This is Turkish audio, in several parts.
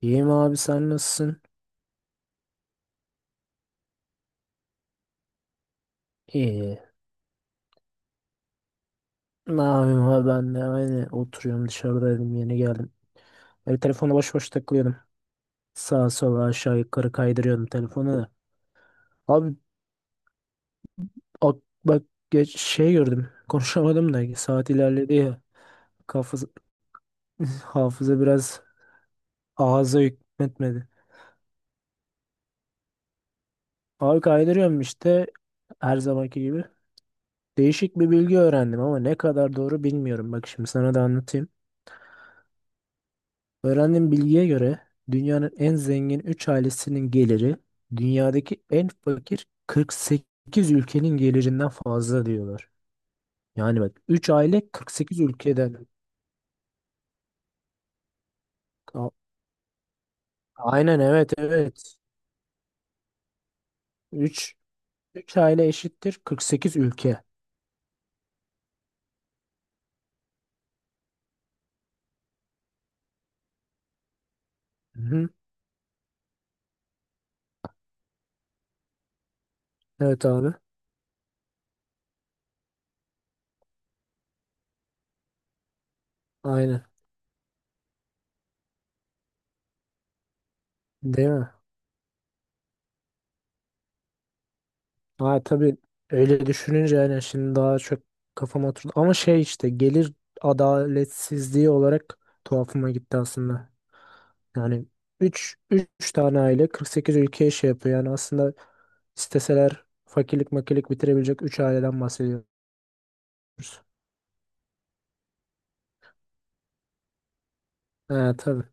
İyiyim abi, sen nasılsın? İyi. Ne yapayım abi, ben de aynı oturuyorum, dışarıdaydım yeni geldim. Böyle telefona boş boş takılıyordum. Sağa sola, aşağı yukarı kaydırıyordum telefonu da. Abi, bak, geç şey gördüm konuşamadım da saat ilerledi ya. Kafız, Hafıza biraz ağza hükmetmedi. Abi kaydırıyorum işte, her zamanki gibi. Değişik bir bilgi öğrendim ama ne kadar doğru bilmiyorum. Bak şimdi sana da anlatayım. Öğrendiğim bilgiye göre dünyanın en zengin 3 ailesinin geliri dünyadaki en fakir 48 ülkenin gelirinden fazla diyorlar. Yani bak, 3 aile 48 ülkeden. A- Aynen, evet evet. 3 3 aile eşittir 48 ülke. Hı-hı. Evet abi. Aynen. Değil mi? Ha tabii, öyle düşününce yani şimdi daha çok kafama oturdu. Ama şey işte, gelir adaletsizliği olarak tuhafıma gitti aslında. Yani üç tane aile 48 ülkeye şey yapıyor. Yani aslında isteseler fakirlik makilik bitirebilecek 3 aileden bahsediyoruz. Ha tabii.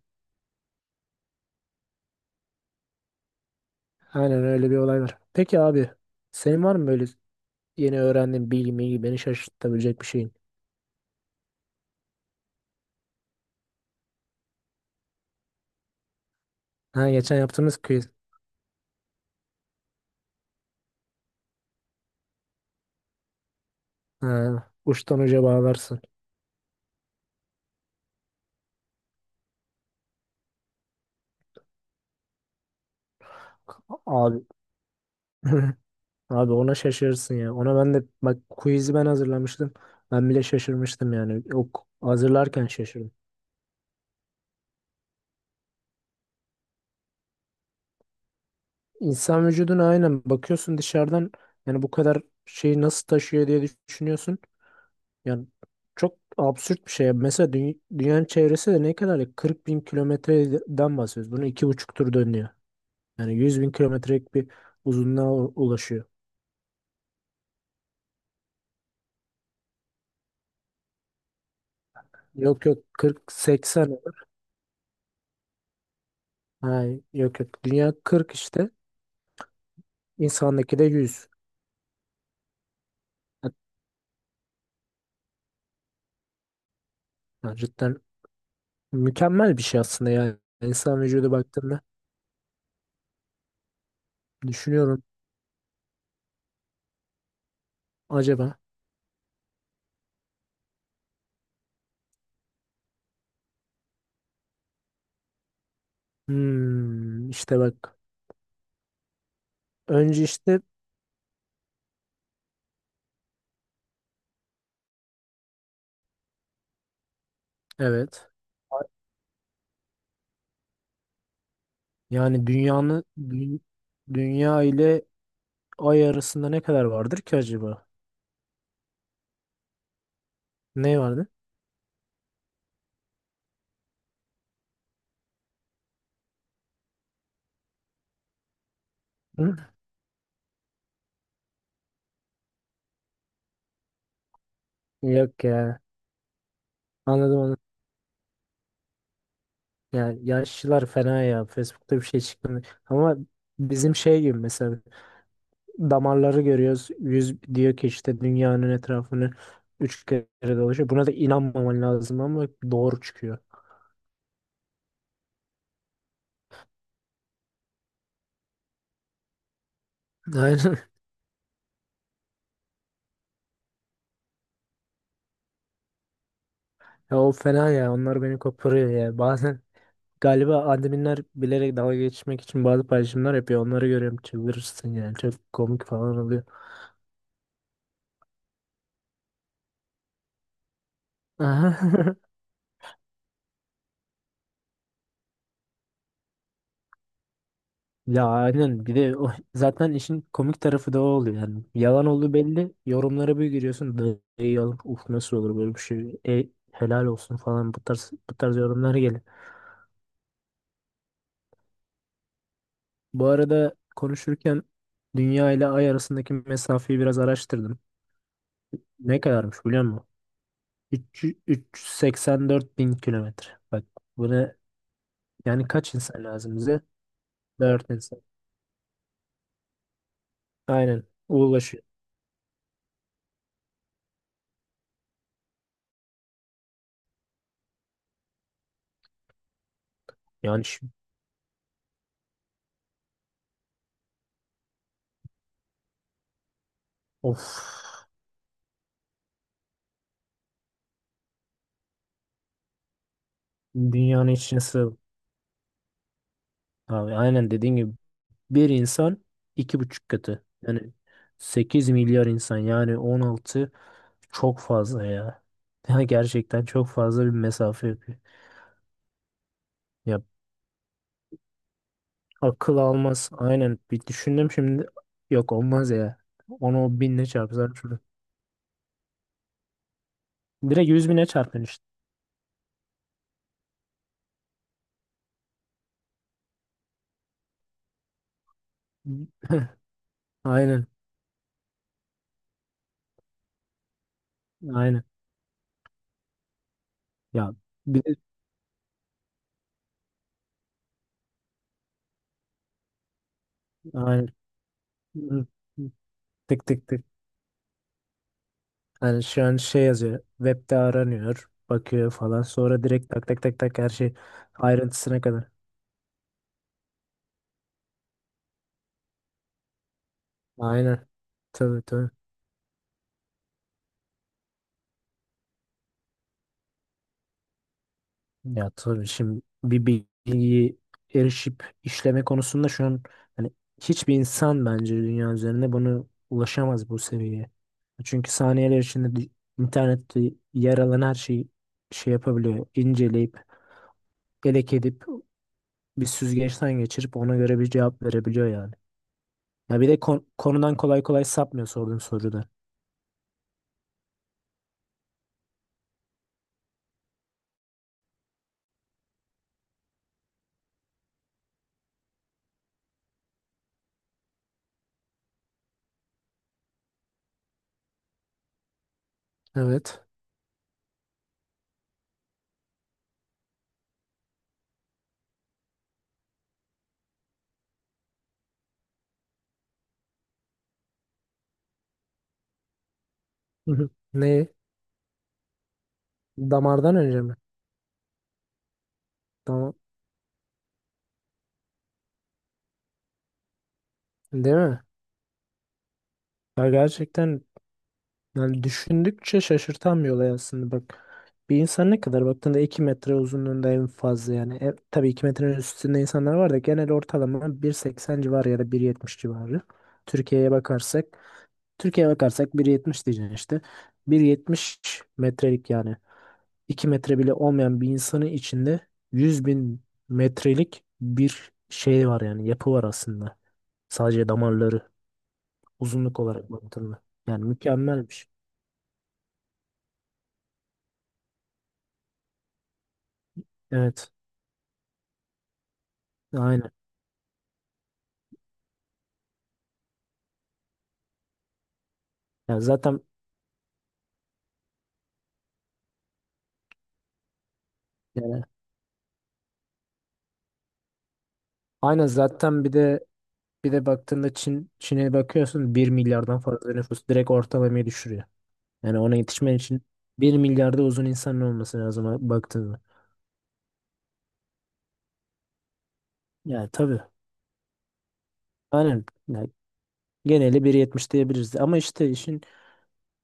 Aynen, öyle bir olay var. Peki abi, senin var mı böyle yeni öğrendiğin bilgi milgi, beni şaşırtabilecek bir şeyin? Ha, geçen yaptığımız quiz. Ha, uçtan uca bağlarsın. Abi. Abi, ona şaşırırsın ya. Ona ben de bak, quiz'i ben hazırlamıştım. Ben bile şaşırmıştım yani. O hazırlarken şaşırdım. İnsan vücuduna aynen bakıyorsun dışarıdan, yani bu kadar şeyi nasıl taşıyor diye düşünüyorsun. Yani çok absürt bir şey. Mesela dünyanın çevresi de ne kadar ya? 40 bin kilometreden bahsediyoruz. Bunu 2,5 tur dönüyor. Yani 100 bin kilometrelik bir uzunluğa ulaşıyor. Yok yok, 40, 80. Hayır, yok yok. Dünya 40 işte. İnsandaki de 100. Ha, cidden mükemmel bir şey aslında yani. İnsan vücudu baktığında düşünüyorum acaba. Hmm, işte bak. Önce işte, evet. Yani dünya ile ay arasında ne kadar vardır ki acaba? Ne vardı? Hı? Yok ya. Anladım onu. Yani yaşlılar fena ya. Facebook'ta bir şey çıktı. Ama bizim şey gibi, mesela damarları görüyoruz. Yüz diyor ki işte dünyanın etrafını 3 kere dolaşıyor. Buna da inanmaman lazım ama doğru çıkıyor. Aynen. Ya o fena ya. Onlar beni koparıyor ya. Bazen galiba adminler bilerek dalga geçmek için bazı paylaşımlar yapıyor. Onları görüyorum, çıldırırsın yani. Çok komik falan oluyor. Ya aynen, bir de o, zaten işin komik tarafı da o oluyor yani. Yalan olduğu belli. Yorumlara bir giriyorsun. Ey yalan. Uf, nasıl olur böyle bir şey. E, helal olsun" falan, bu tarz bu tarz yorumlar geliyor. Bu arada konuşurken dünya ile ay arasındaki mesafeyi biraz araştırdım. Ne kadarmış biliyor musun? 300 384 bin kilometre. Bak, buna yani kaç insan lazım bize? 4 insan. Aynen, ulaşıyor. Yani şimdi, of, dünyanın içine sığ. Abi, aynen dediğin gibi bir insan 2,5 katı. Yani 8 milyar insan, yani 16, çok fazla ya. Ya gerçekten çok fazla bir mesafe yapıyor. Ya akıl almaz. Aynen, bir düşündüm şimdi. Yok, olmaz ya. Onu o binle çarpsan şurada. Direkt 100 bine çarpın. Heh, aynen. Aynen. Ya bir de aynen. Hı, hı. Tık tık tık. Hani şu an şey yazıyor. Web'de aranıyor. Bakıyor falan. Sonra direkt tak tak tak tak, her şey ayrıntısına kadar. Aynen. Tabii tabii. Ya tabii şimdi, bir bilgiyi erişip işleme konusunda şu an hani hiçbir insan bence dünya üzerinde bunu ulaşamaz, bu seviyeye. Çünkü saniyeler içinde internette yer alan her şeyi şey yapabiliyor, inceleyip, elek edip, bir süzgeçten geçirip ona göre bir cevap verebiliyor yani. Ya bir de konudan kolay kolay sapmıyor sorduğun soruda. Evet. Hı hı. Ne? Damardan önce mi? Tamam. Değil mi? Ya gerçekten, yani düşündükçe şaşırtan bir olay aslında bak. Bir insan ne kadar baktığında 2 metre uzunluğunda en fazla yani. E, tabii 2 metrenin üstünde insanlar var da genel ortalama 1.80 civarı ya da 1.70 civarı. Türkiye'ye bakarsak Türkiye'ye bakarsak 1,70 diyeceksin işte. 1,70 metrelik, yani 2 metre bile olmayan bir insanın içinde 100 bin metrelik bir şey var, yani yapı var aslında. Sadece damarları, uzunluk olarak baktığında. Yani mükemmelmiş. Evet. Aynen. Yani zaten, yani aynen, zaten bir de baktığında, Çin'e bakıyorsun, 1 milyardan fazla nüfus direkt ortalamayı düşürüyor. Yani ona yetişmen için 1 milyarda uzun insanın olması lazım baktığında. Yani tabii. Aynen. Yani geneli 1,70 diyebiliriz. Ama işte işin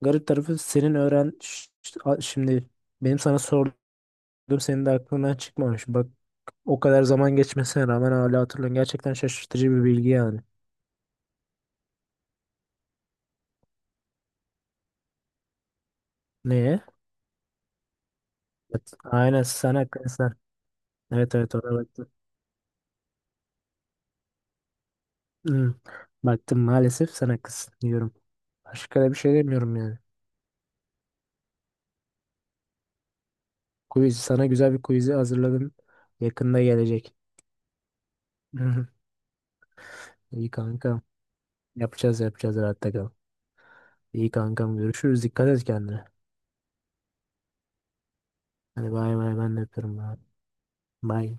garip tarafı, senin öğren Ş- ş- a- şimdi benim sana sorduğum senin de aklından çıkmamış. Bak, o kadar zaman geçmesine rağmen hala hatırlıyorsun. Gerçekten şaşırtıcı bir bilgi yani. Neye? Evet. Aynen sen haklısın. Evet evet, ona baktım. Hmm. Baktım, maalesef sen haklısın diyorum. Başka da bir şey demiyorum yani. Quiz, sana güzel bir quiz'i hazırladım. Yakında gelecek. İyi kanka. Yapacağız yapacağız, rahatta kal. İyi kankam, görüşürüz. Dikkat et kendine. Hadi bay bay, ben de öpüyorum. Bay. Bay.